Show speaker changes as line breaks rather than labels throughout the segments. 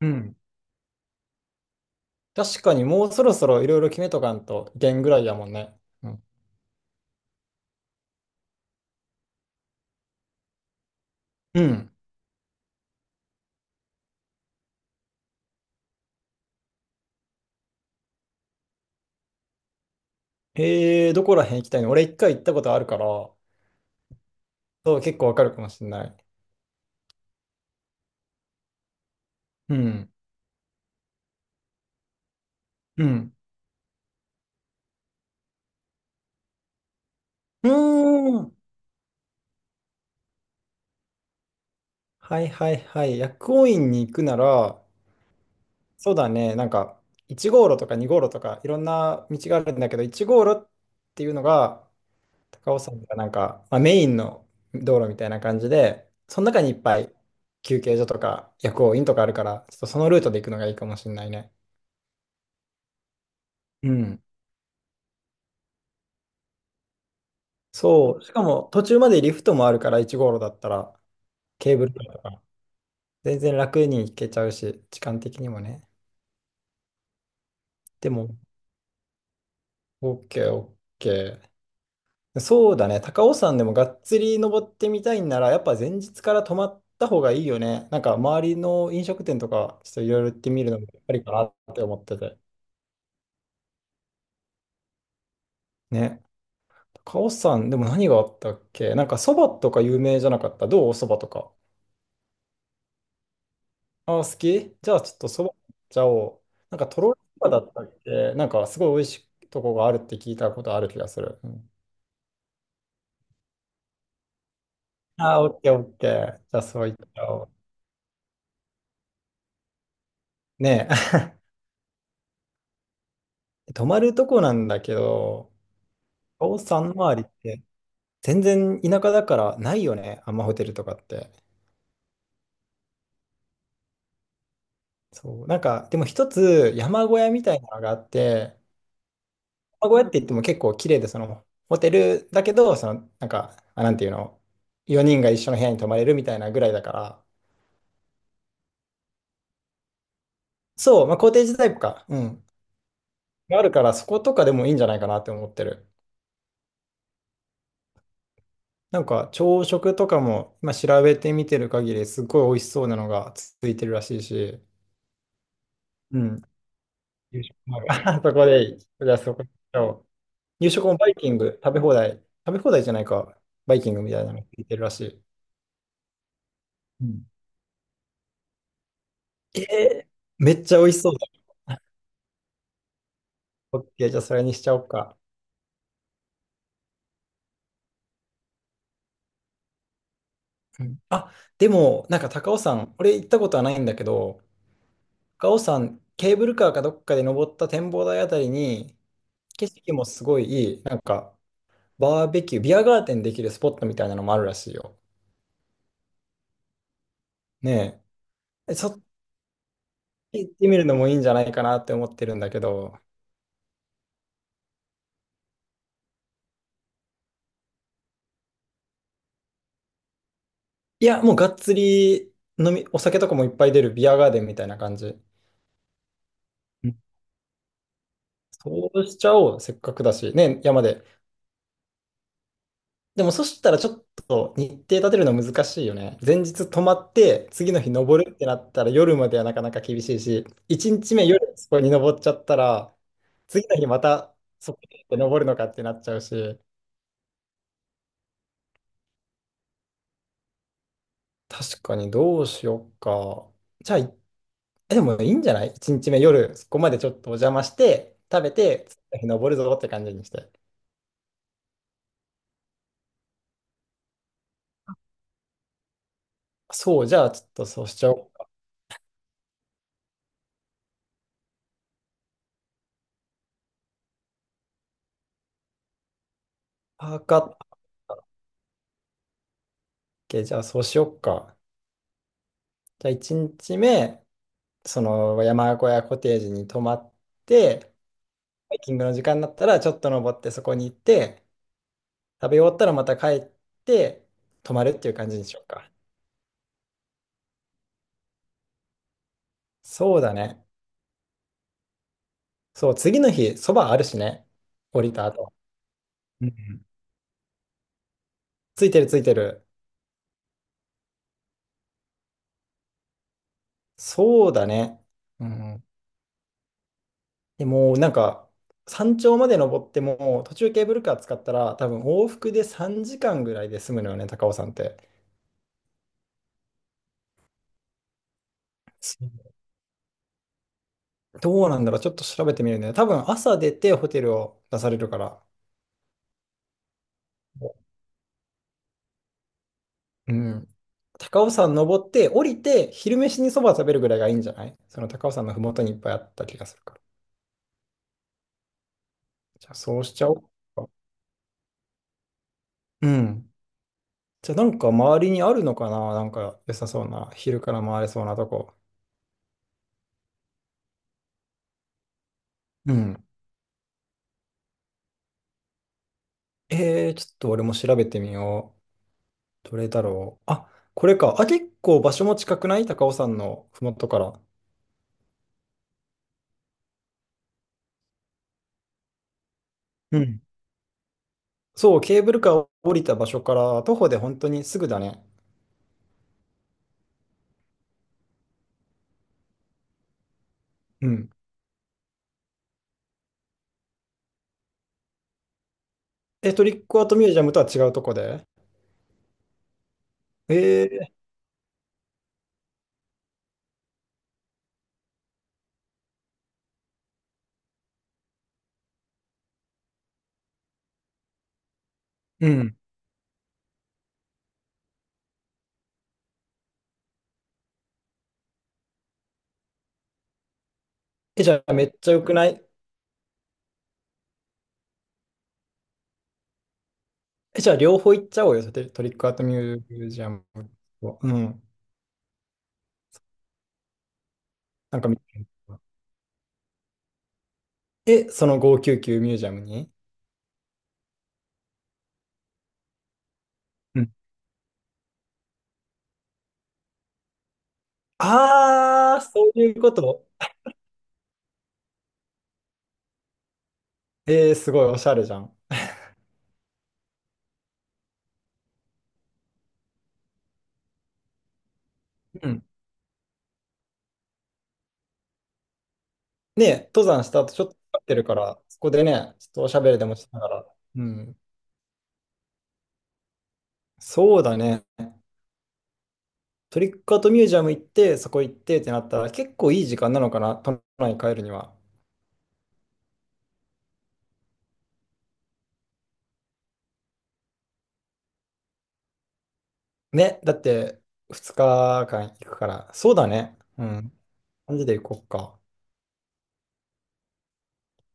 うん。確かにもうそろそろいろいろ決めとかんといけんぐらいやもんね。うん。うん。どこら辺行きたいの？俺一回行ったことあるから、そう、結構わかるかもしれない。うん。うん。うーん。はいはいはい。薬王院に行くなら、そうだね、1号路とか2号路とかいろんな道があるんだけど、1号路っていうのが、高尾山がなんか、まあ、メインの道路みたいな感じで、その中にいっぱい休憩所とか薬王院とかあるから、ちょっとそのルートで行くのがいいかもしれないね。うん。そう。しかも途中までリフトもあるから、1号路だったらケーブルカーと全然楽に行けちゃうし、時間的にもね。でも、OK、OK。そうだね。高尾山でもがっつり登ってみたいんなら、やっぱ前日から泊まった方がいいよね。なんか周りの飲食店とか、ちょっといろいろ行ってみるのもやっぱりかなって思ってて。ね。カオスさん、でも何があったっけ？なんかそばとか有名じゃなかった？どうそばとか。ああ、好き？じゃあちょっとそば行っちゃおう。なんかとろろそばだったっけ？なんかすごい美味しいとこがあるって聞いたことある気がする。うん。ああ、オッケーオッケー。じゃあそう行っちゃおう。ねえ、泊まるとこなんだけど、カオスさんの周りって全然田舎だからないよね。あんまホテルとかって。そう。なんか、でも一つ山小屋みたいなのがあって、うやって言っても結構綺麗で、その、ホテルだけど、その、なんか、あ、なんていうの、4人が一緒の部屋に泊まれるみたいなぐらいだから、そう、まあ、コテージタイプか、うん、があるから、そことかでもいいんじゃないかなって思ってる。なんか、朝食とかも、今調べてみてる限り、すっごい美味しそうなのがついてるらしいし、うん、夕食もある。 そこでいい。じゃあ、そこで行こう。夕食もバイキング、食べ放題、食べ放題じゃないか、バイキングみたいなのついてるらしい。うん。えーめっちゃ美味しそう。オッケー、じゃあそれにしちゃおうか。うん。あ、でも、なんか高尾山、俺行ったことはないんだけど、高尾山、ケーブルカーかどっかで登った展望台あたりに、景色もすごいいい、なんか、バーベキュー、ビアガーデンできるスポットみたいなのもあるらしいよ。ね。え。えそっち行ってみるのもいいんじゃないかなって思ってるんだけど、いや、もうがっつり飲み、お酒とかもいっぱい出るビアガーデンみたいな感じ。うん。そうしちゃおう、せっかくだし。ねえ、山で。でもそしたらちょっと日程立てるの難しいよね。前日泊まって、次の日登るってなったら夜まではなかなか厳しいし、1日目夜そこに登っちゃったら、次の日またそこに登るのかってなっちゃうし、確かにどうしようか。じゃあ、いえでもいいんじゃない？ 1 日目夜そこまでちょっとお邪魔して、食べて、次の日登るぞって感じにして。そう、じゃあちょっとそうしちゃおうか。わかった。OK、 じゃあそうしようか。じゃあ1日目、その山小屋コテージに泊まって、ハイキングの時間になったらちょっと登ってそこに行って、食べ終わったらまた帰って泊まるっていう感じにしようか。そうだね。そう、次の日、そばあるしね。降りた後。うんうん。ついてるついてる。そうだね。うん。でもうなんか、山頂まで登っても、途中ケーブルカー使ったら、多分往復で3時間ぐらいで済むのよね、高尾山って。どうなんだろう、ちょっと調べてみるね。多分朝出てホテルを出されるから。うん。高尾山登って降りて昼飯にそば食べるぐらいがいいんじゃない？その高尾山のふもとにいっぱいあった気がするから。じゃあそうしちゃおうか。うん。じゃあなんか周りにあるのかな？なんか良さそうな、昼から回れそうなとこ。うん。えー、ちょっと俺も調べてみよう。どれだろう。あ、これか。あ、結構場所も近くない？高尾山のふもとから。うん。そう、ケーブルカーを降りた場所から徒歩で本当にすぐだね。うん。え、トリックアートミュージアムとは違うとこで。えー、うん。え、じゃあめっちゃ良くない？え、じゃあ両方行っちゃおうよ、トリトリックアートミュージアムと。うん。なんか見てみよう。え、その599ミュージアムに。うん。あー、そういうこと。えー、すごいおしゃれじゃん。うん。ね、登山した後ちょっと疲れてるから、そこでね、ちょっとおしゃべりでもしながら。うん。そうだね。トリックアートミュージアム行って、そこ行ってってなったら、結構いい時間なのかな、都内に帰るには。ね、だって2日間行くから。そうだね。うん。感じで行こうか。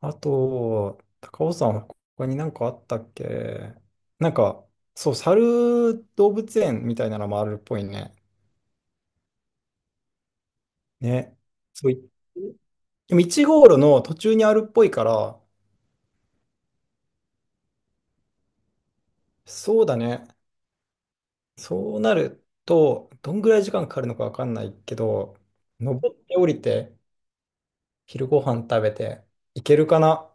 あと、高尾さん、他になんかあったっけ？なんか、そう、猿動物園みたいなのもあるっぽいね。ね。そう、いでも1号路の途中にあるっぽいから、そうだね。そうなると、どんぐらい時間かかるのかわかんないけど、登って降りて、昼ご飯食べて、いけるかな？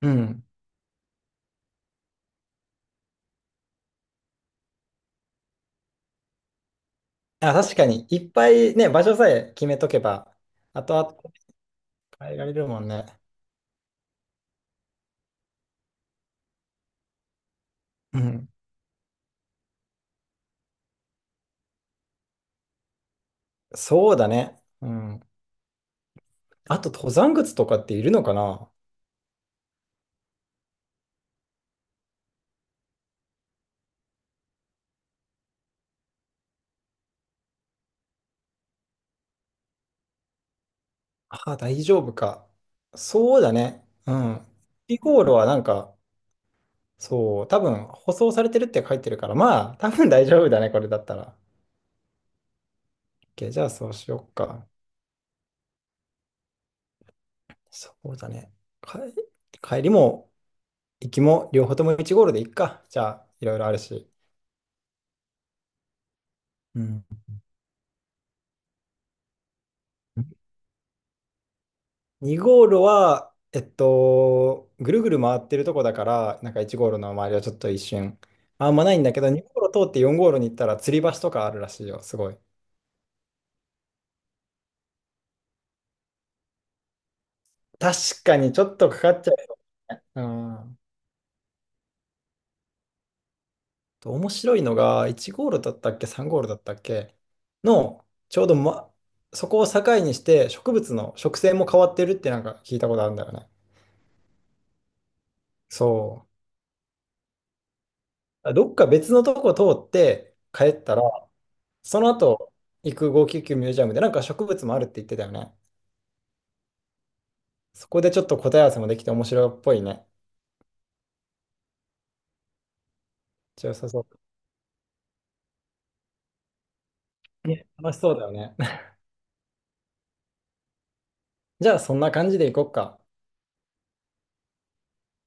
うん。あ、確かに、いっぱいね、場所さえ決めとけば、後々変えられるもんね。うん。そうだね。うん。あと、登山靴とかっているのかな？あ、大丈夫か。そうだね。うん。イコールはなんか、そう、多分、舗装されてるって書いてるから、まあ、多分大丈夫だね、これだったら。OK、じゃあそうしよっか。そうだね。か、帰りも行きも両方とも1ゴールで行くか。じゃあ、いろいろあるし。うん。2ゴールは、えっと、ぐるぐる回ってるとこだから、なんか1ゴールの周りはちょっと一瞬、あんまないんだけど、2ゴール通って4ゴールに行ったら、吊り橋とかあるらしいよ、すごい。確かにちょっとかかっちゃう。うん。と面白いのが、1ゴールだったっけ、3ゴールだったっけの、ちょうど、ま、そこを境にして、植物の植生も変わってるってなんか聞いたことあるんだよね。そう。どっか別のとこ通って帰ったら、その後行く599ミュージアムでなんか植物もあるって言ってたよね。そこでちょっと答え合わせもできて面白いっぽいね。じゃあ、そう。ね、楽しそうだよね。じゃあ、そんな感じで行こっか。